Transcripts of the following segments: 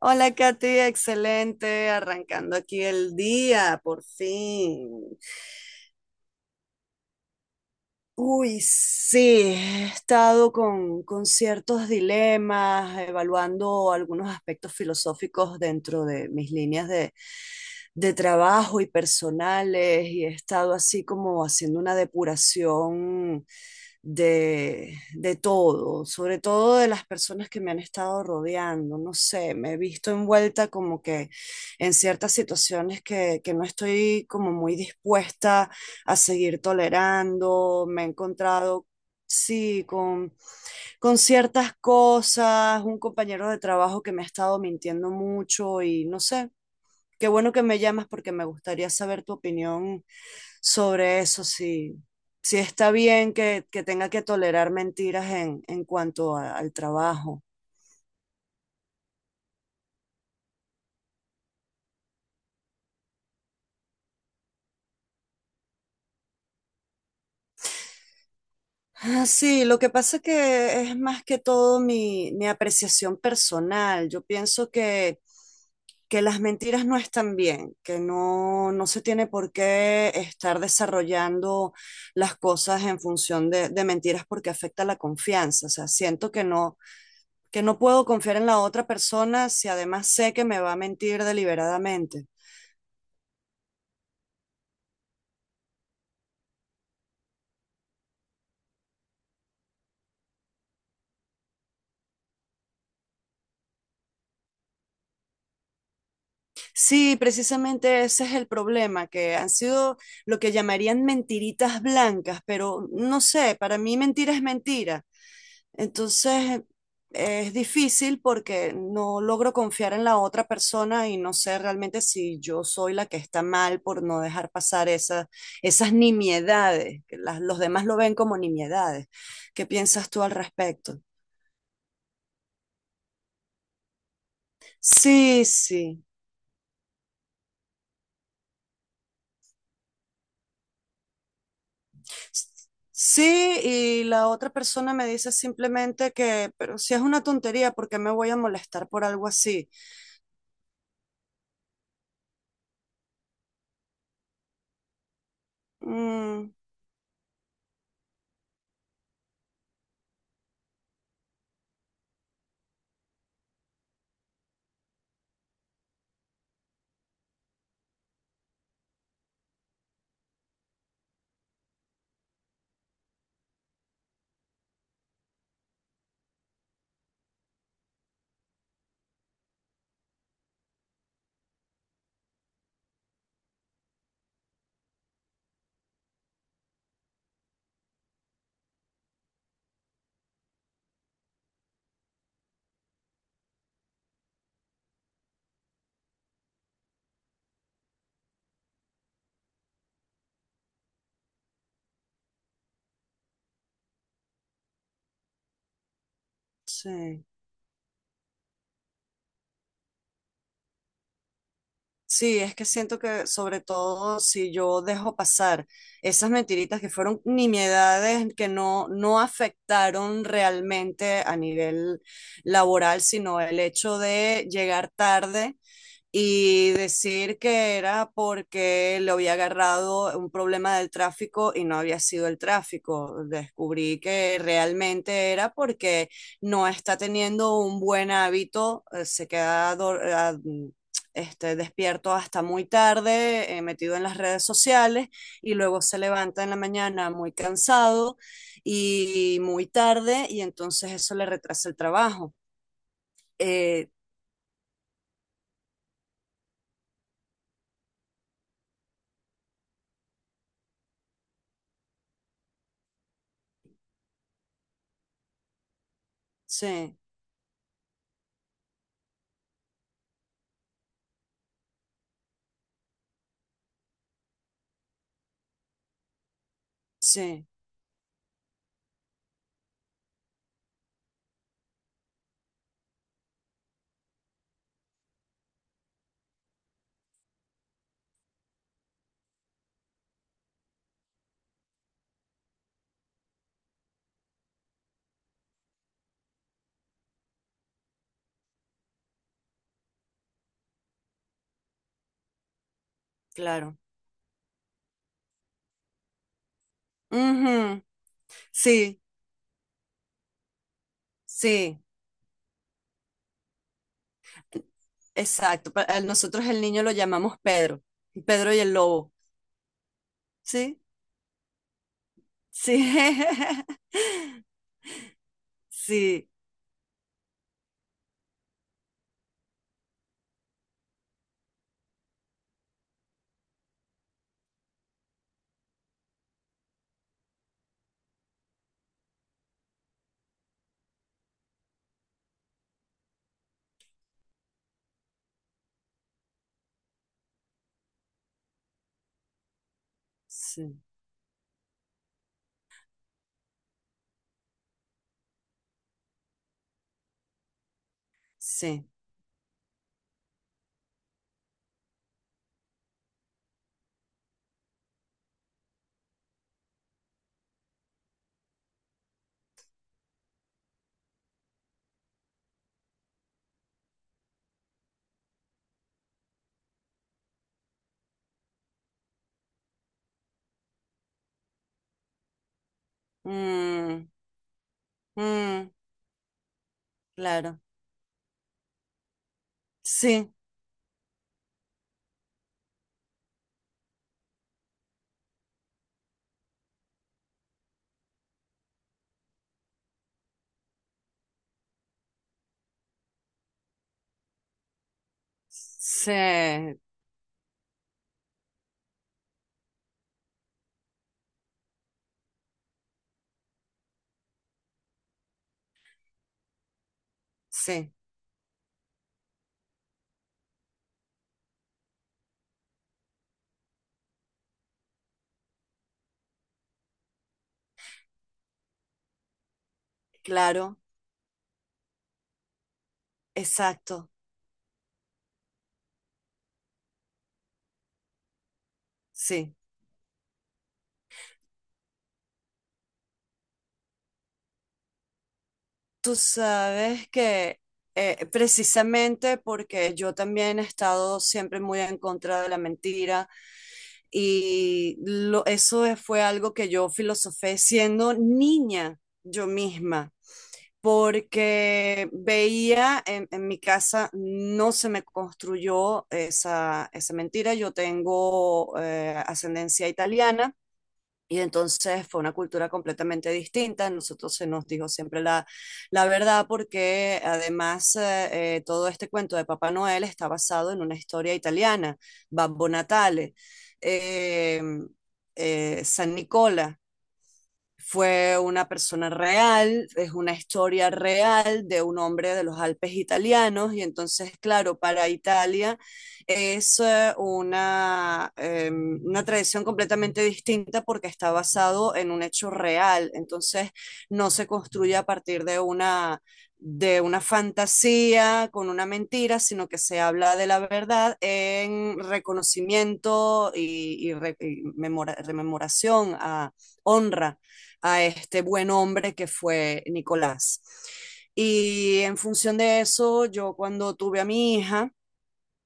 Hola Katy, excelente, arrancando aquí el día, por fin. Uy, sí, he estado con ciertos dilemas, evaluando algunos aspectos filosóficos dentro de mis líneas de trabajo y personales, y he estado así como haciendo una depuración de todo, sobre todo de las personas que me han estado rodeando. No sé, me he visto envuelta como que en ciertas situaciones que no estoy como muy dispuesta a seguir tolerando. Me he encontrado, sí, con ciertas cosas, un compañero de trabajo que me ha estado mintiendo mucho y no sé. Qué bueno que me llamas porque me gustaría saber tu opinión sobre eso, si, si está bien que tenga que tolerar mentiras en cuanto al trabajo. Ah, sí, lo que pasa que es más que todo mi apreciación personal. Yo pienso que las mentiras no están bien, que no, no se tiene por qué estar desarrollando las cosas en función de mentiras porque afecta la confianza. O sea, siento que no puedo confiar en la otra persona si además sé que me va a mentir deliberadamente. Sí, precisamente ese es el problema, que han sido lo que llamarían mentiritas blancas, pero no sé, para mí mentira es mentira. Entonces es difícil porque no logro confiar en la otra persona y no sé realmente si yo soy la que está mal por no dejar pasar esas nimiedades, que los demás lo ven como nimiedades. ¿Qué piensas tú al respecto? Sí, sí. Sí, y la otra persona me dice simplemente que, pero si es una tontería, ¿por qué me voy a molestar por algo así? Mm, sí, sí, es que siento que sobre todo si yo dejo pasar esas mentiritas que fueron nimiedades que no, no afectaron realmente a nivel laboral, sino el hecho de llegar tarde y decir que era porque le había agarrado un problema del tráfico y no había sido el tráfico. Descubrí que realmente era porque no está teniendo un buen hábito. Se queda despierto hasta muy tarde, metido en las redes sociales y luego se levanta en la mañana muy cansado y muy tarde y entonces eso le retrasa el trabajo. Eh, sí, sí, claro. Ujú. Sí, sí, exacto. Pa- a Nosotros el niño lo llamamos Pedro, Pedro y el lobo. Sí, sí, sí, sí, sí. Mm, mm, claro, sí, sí, sí, claro, exacto, sí. Tú sabes que precisamente porque yo también he estado siempre muy en contra de la mentira y eso fue algo que yo filosofé siendo niña yo misma, porque veía en mi casa no se me construyó esa mentira. Yo tengo ascendencia italiana. Y entonces fue una cultura completamente distinta. Nosotros se nos dijo siempre la verdad porque además todo este cuento de Papá Noel está basado en una historia italiana, Babbo Natale, eh, San Nicola, fue una persona real, es una historia real de un hombre de los Alpes italianos y entonces, claro, para Italia es una tradición completamente distinta porque está basado en un hecho real, entonces no se construye a partir de una fantasía con una mentira, sino que se habla de la verdad en reconocimiento y rememoración a honra a este buen hombre que fue Nicolás. Y en función de eso, yo cuando tuve a mi hija,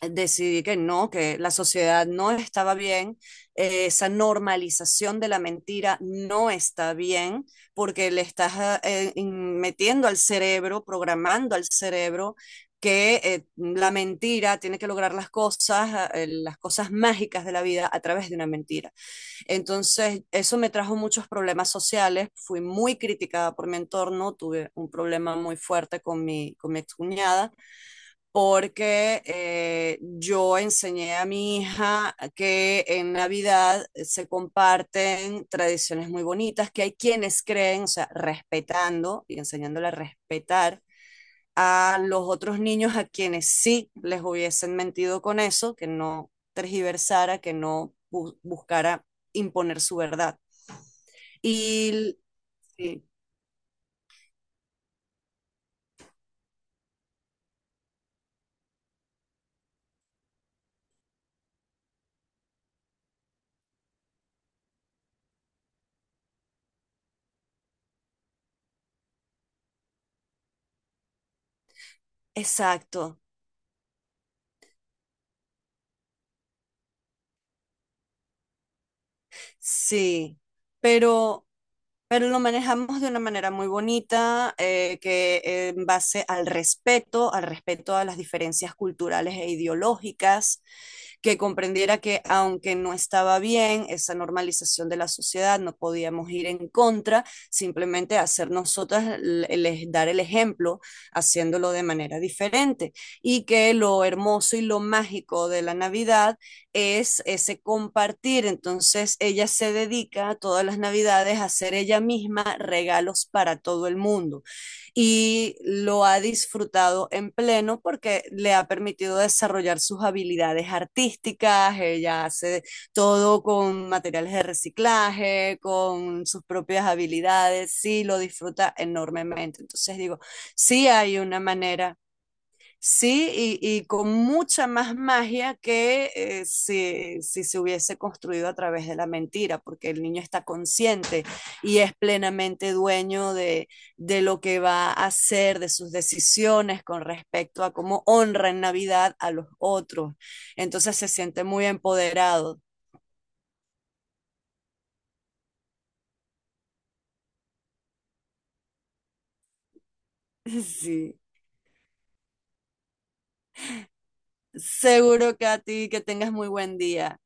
decidí que no, que la sociedad no estaba bien, esa normalización de la mentira no está bien, porque le estás metiendo al cerebro, programando al cerebro que la mentira tiene que lograr las cosas, las cosas mágicas de la vida a través de una mentira. Entonces, eso me trajo muchos problemas sociales, fui muy criticada por mi entorno, tuve un problema muy fuerte con mi excuñada porque yo enseñé a mi hija que en Navidad se comparten tradiciones muy bonitas, que hay quienes creen, o sea, respetando y enseñándola a respetar a los otros niños a quienes sí les hubiesen mentido con eso, que no tergiversara, que no buscara imponer su verdad. Y sí, exacto. Sí, pero, pero lo manejamos de una manera muy bonita, que en base al respeto a las diferencias culturales e ideológicas, que comprendiera que aunque no estaba bien esa normalización de la sociedad, no podíamos ir en contra, simplemente hacer nosotras, dar el ejemplo haciéndolo de manera diferente y que lo hermoso y lo mágico de la Navidad es ese compartir. Entonces ella se dedica todas las navidades a hacer ella misma regalos para todo el mundo y lo ha disfrutado en pleno porque le ha permitido desarrollar sus habilidades artísticas. Ella hace todo con materiales de reciclaje, con sus propias habilidades, sí, lo disfruta enormemente. Entonces digo, sí hay una manera. Sí, y con mucha más magia que si se hubiese construido a través de la mentira, porque el niño está consciente y es plenamente dueño de lo que va a hacer, de sus decisiones con respecto a cómo honra en Navidad a los otros. Entonces se siente muy empoderado. Sí, seguro que a ti que tengas muy buen día.